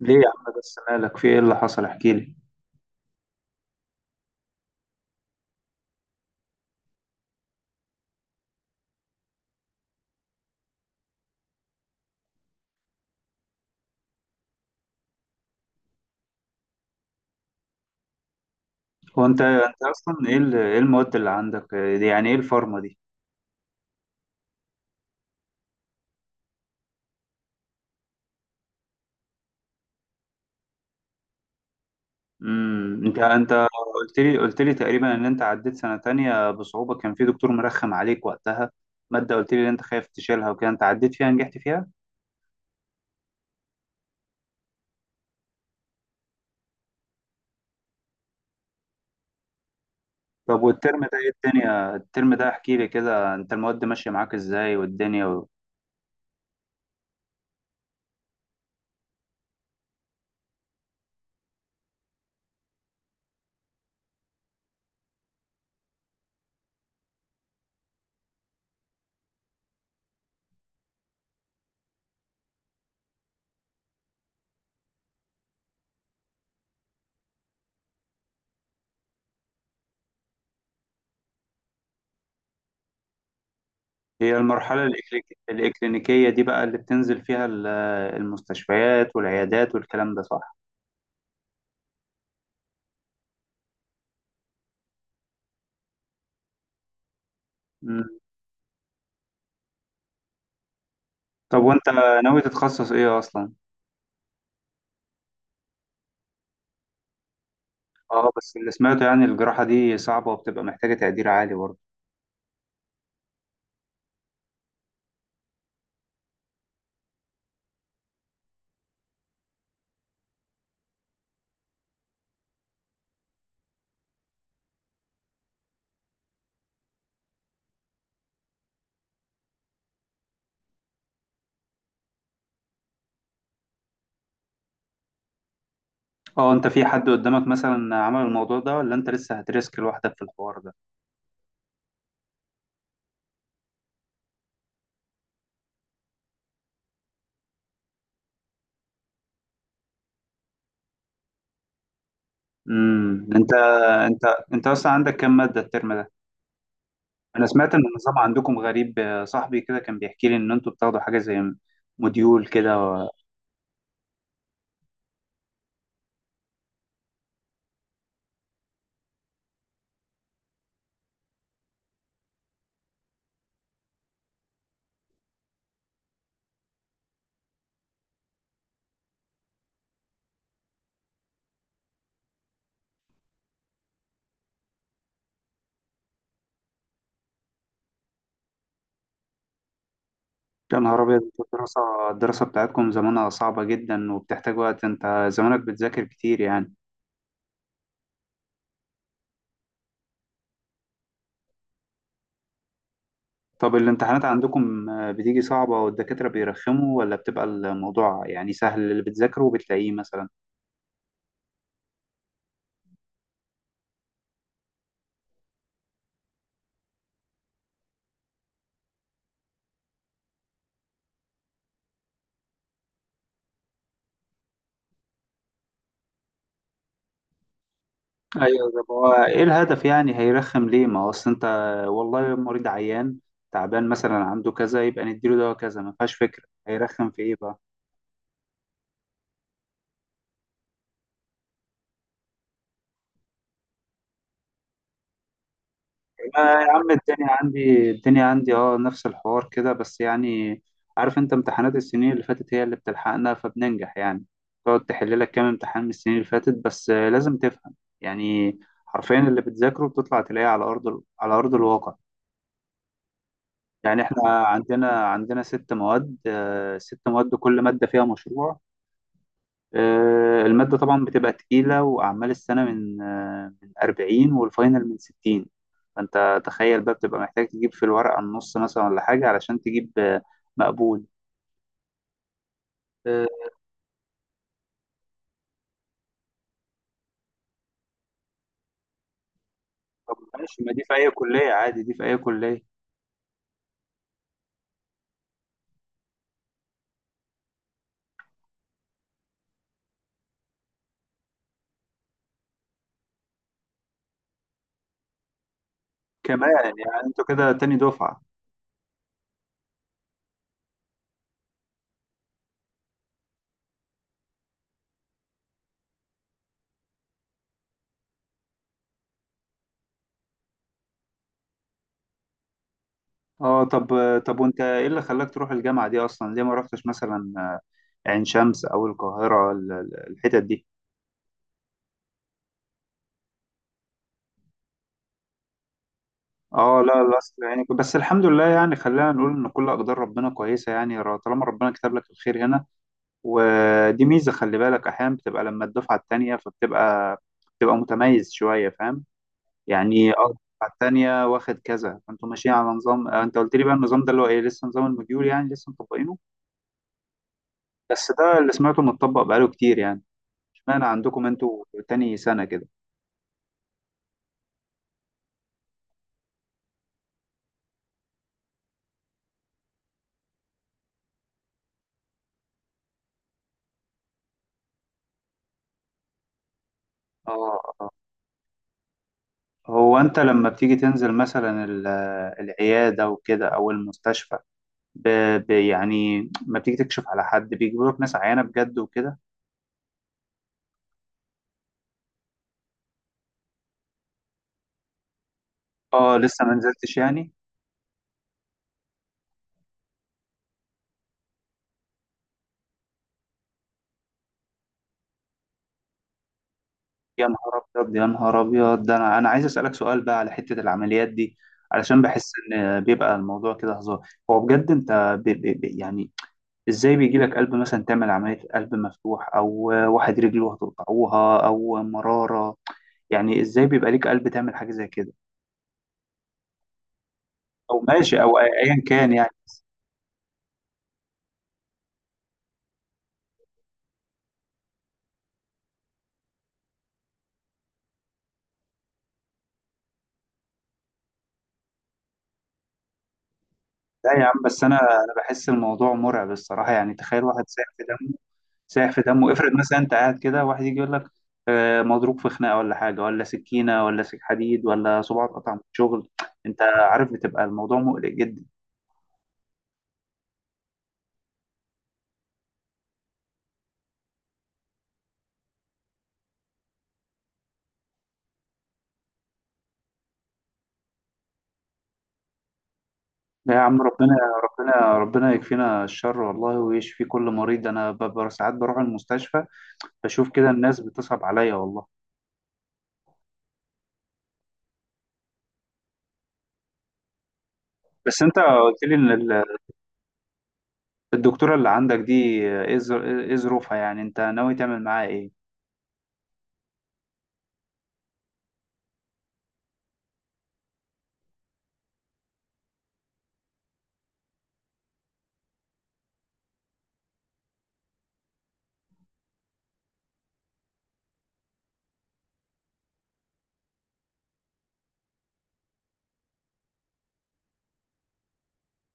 ليه يا عم بس مالك؟ في ايه اللي حصل؟ احكي لي. هو انت اصلا ايه ايه المواد اللي عندك إيه دي؟ يعني ايه الفارما دي؟ انت قلت لي تقريبا ان انت عديت سنة تانية بصعوبة، كان في دكتور مرخم عليك وقتها مادة، قلت لي ان انت خايف تشيلها وكده، انت عديت فيها نجحت فيها. طب والترم ده ايه الدنيا؟ الترم ده احكي لي كده، انت المواد ماشية معاك ازاي والدنيا هي المرحلة الإكلينيكية دي بقى اللي بتنزل فيها المستشفيات والعيادات والكلام ده صح؟ طب وانت ناوي تتخصص ايه اصلا؟ اه بس اللي سمعته يعني الجراحة دي صعبة وبتبقى محتاجة تقدير عالي برضه. اه انت في حد قدامك مثلا عمل الموضوع ده، ولا انت لسه هترسك لوحدك في الحوار ده؟ امم انت انت انت اصلا عندك كام مادة الترم ده؟ انا سمعت ان النظام عندكم غريب، صاحبي كده كان بيحكي لي ان انتوا بتاخدوا حاجة زي موديول كده يا نهار أبيض، انتوا الدراسة الدراسة بتاعتكم زمانها صعبة جدا وبتحتاج وقت، انت زمانك بتذاكر كتير يعني. طب الامتحانات عندكم بتيجي صعبة والدكاترة بيرخموا، ولا بتبقى الموضوع يعني سهل اللي بتذاكره وبتلاقيه مثلا؟ ايوه ده هو ايه الهدف؟ يعني هيرخم ليه؟ ما هو اصل انت والله المريض عيان تعبان مثلا عنده كذا، يبقى نديله دواء كذا، ما فيهاش فكرة، هيرخم في ايه بقى؟ ما يا عم الدنيا عندي اه نفس الحوار كده بس يعني، عارف انت امتحانات السنين اللي فاتت هي اللي بتلحقنا فبننجح يعني. تقعد تحل لك كام امتحان من السنين اللي فاتت، بس لازم تفهم يعني. حرفيا اللي بتذاكره بتطلع تلاقيه على على ارض الواقع. يعني احنا عندنا ست مواد، ست مواد كل مادة فيها مشروع. المادة طبعا بتبقى تقيلة، وأعمال السنة من من 40 والفاينل من 60. فأنت تخيل بقى بتبقى محتاج تجيب في الورقة النص مثلا ولا حاجة علشان تجيب مقبول. آه، طب ماشي، ما دي في أي كلية عادي، دي في أي كلية كمان. يعني أنتوا كده تاني دفعة. اه طب، طب وأنت إيه اللي خلاك تروح الجامعة دي أصلا؟ ليه ما رحتش مثلا عين شمس أو القاهرة الحتت دي؟ اه لا أصل يعني بس الحمد لله يعني، خلينا نقول ان كل اقدار ربنا كويسه يعني، طالما ربنا كتب لك الخير هنا. ودي ميزه، خلي بالك احيانا بتبقى لما الدفعه التانيه فبتبقى متميز شويه، فاهم يعني؟ اه الدفعه التانيه واخد كذا، فانتوا ماشيين على نظام، انت قلت لي بقى النظام ده اللي هو ايه؟ لسه نظام الموديول يعني لسه مطبقينه؟ بس ده اللي سمعته متطبق بقاله كتير يعني، اشمعنى عندكم انتوا تاني سنه كده؟ اه. هو انت لما بتيجي تنزل مثلا العياده وكده او المستشفى، ب... يعني ما بتيجي تكشف على حد، بيجيبوا لك ناس عيانه بجد وكده؟ اه لسه ما نزلتش يعني؟ يا نهار ابيض، ده انا عايز اسالك سؤال بقى على حته العمليات دي. علشان بحس ان بيبقى الموضوع كده هزار، هو بجد انت يعني ازاي بيجي لك قلب مثلا تعمل عمليه قلب مفتوح، او واحد رجله هتقطعوها، او مراره؟ يعني ازاي بيبقى ليك قلب تعمل حاجه زي كده او ماشي او ايا كان يعني؟ لا يا عم، بس انا بحس الموضوع مرعب الصراحه. يعني تخيل واحد ساعد في دمه، سايح في دمه، افرض مثلا انت قاعد كده واحد يجي يقول لك مضروب في خناقه ولا حاجه، ولا سكينه، ولا سك حديد، ولا صباعه اتقطع من الشغل. انت عارف بتبقى الموضوع مقلق جدا. لا يا عم، ربنا ربنا يكفينا الشر والله، ويشفي كل مريض. انا ساعات بروح المستشفى بشوف كده الناس بتصعب عليا والله. بس انت قلت لي ان الدكتوره اللي عندك دي ايه إيه ظروفها يعني؟ انت ناوي تعمل معاها ايه؟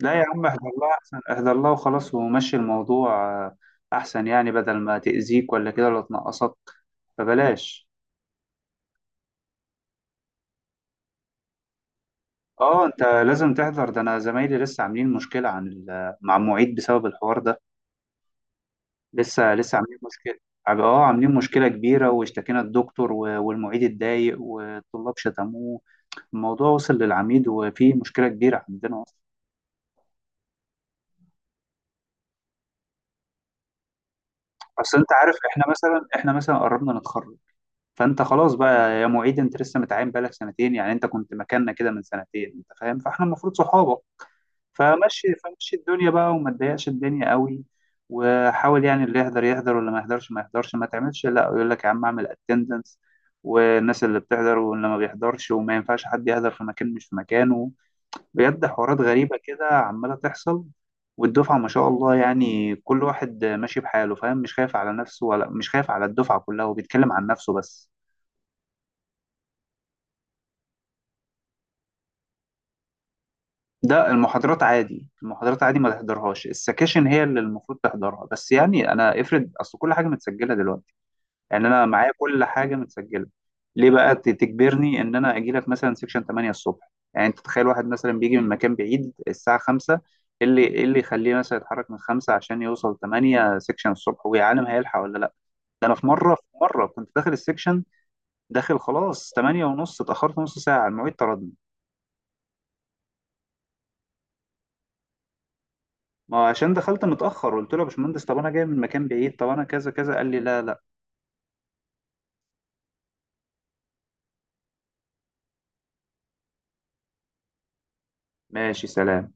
لا يا عم احذر الله، احسن احذر الله وخلاص، ومشي الموضوع. آه، احسن يعني، بدل ما تأذيك ولا كده ولا تنقصك، فبلاش. اه انت لازم تحذر، ده انا زمايلي لسه عاملين مشكلة مع المعيد بسبب الحوار ده. لسه عاملين مشكلة، اه عاملين مشكلة كبيرة، واشتكينا الدكتور والمعيد اتضايق والطلاب شتموه، الموضوع وصل للعميد وفي مشكلة كبيرة عندنا اصلا. اصل انت عارف احنا مثلا، احنا مثلا قربنا نتخرج، فانت خلاص بقى يا معيد، انت لسه متعين بقالك سنتين، يعني انت كنت مكاننا كده من سنتين، انت فاهم؟ فاحنا المفروض صحابه. فمشي الدنيا بقى، وما تضايقش الدنيا قوي، وحاول يعني اللي يحضر يحضر واللي ما يحضرش ما يحضرش، ما تعملش لا، يقول لك يا عم اعمل اتندنس، والناس اللي بتحضر واللي ما بيحضرش، وما ينفعش حد يحضر في مكان مش في مكانه. بجد حوارات غريبة كده عمالة تحصل، والدفعة ما شاء الله يعني كل واحد ماشي بحاله، فاهم؟ مش خايف على نفسه ولا مش خايف على الدفعة كلها وبيتكلم عن نفسه بس. ده المحاضرات عادي، المحاضرات عادي ما تحضرهاش، السكاشن هي اللي المفروض تحضرها. بس يعني انا افرض اصل كل حاجه متسجله دلوقتي، يعني انا معايا كل حاجه متسجله، ليه بقى تجبرني ان انا اجي لك مثلا سكشن 8 الصبح؟ يعني انت تخيل واحد مثلا بيجي من مكان بعيد الساعه 5، إيه اللي يخليه مثلا يتحرك من 5 عشان يوصل 8 سكشن الصبح، ويا عالم هيلحق ولا لا؟ ده انا في مره كنت داخل السكشن، داخل خلاص 8 ونص، اتاخرت نص ساعه المعيد طردني. ما هو عشان دخلت متأخر، قلت له يا باشمهندس طب انا جاي من مكان بعيد، طب انا كذا كذا، قال لي لا. ماشي سلام.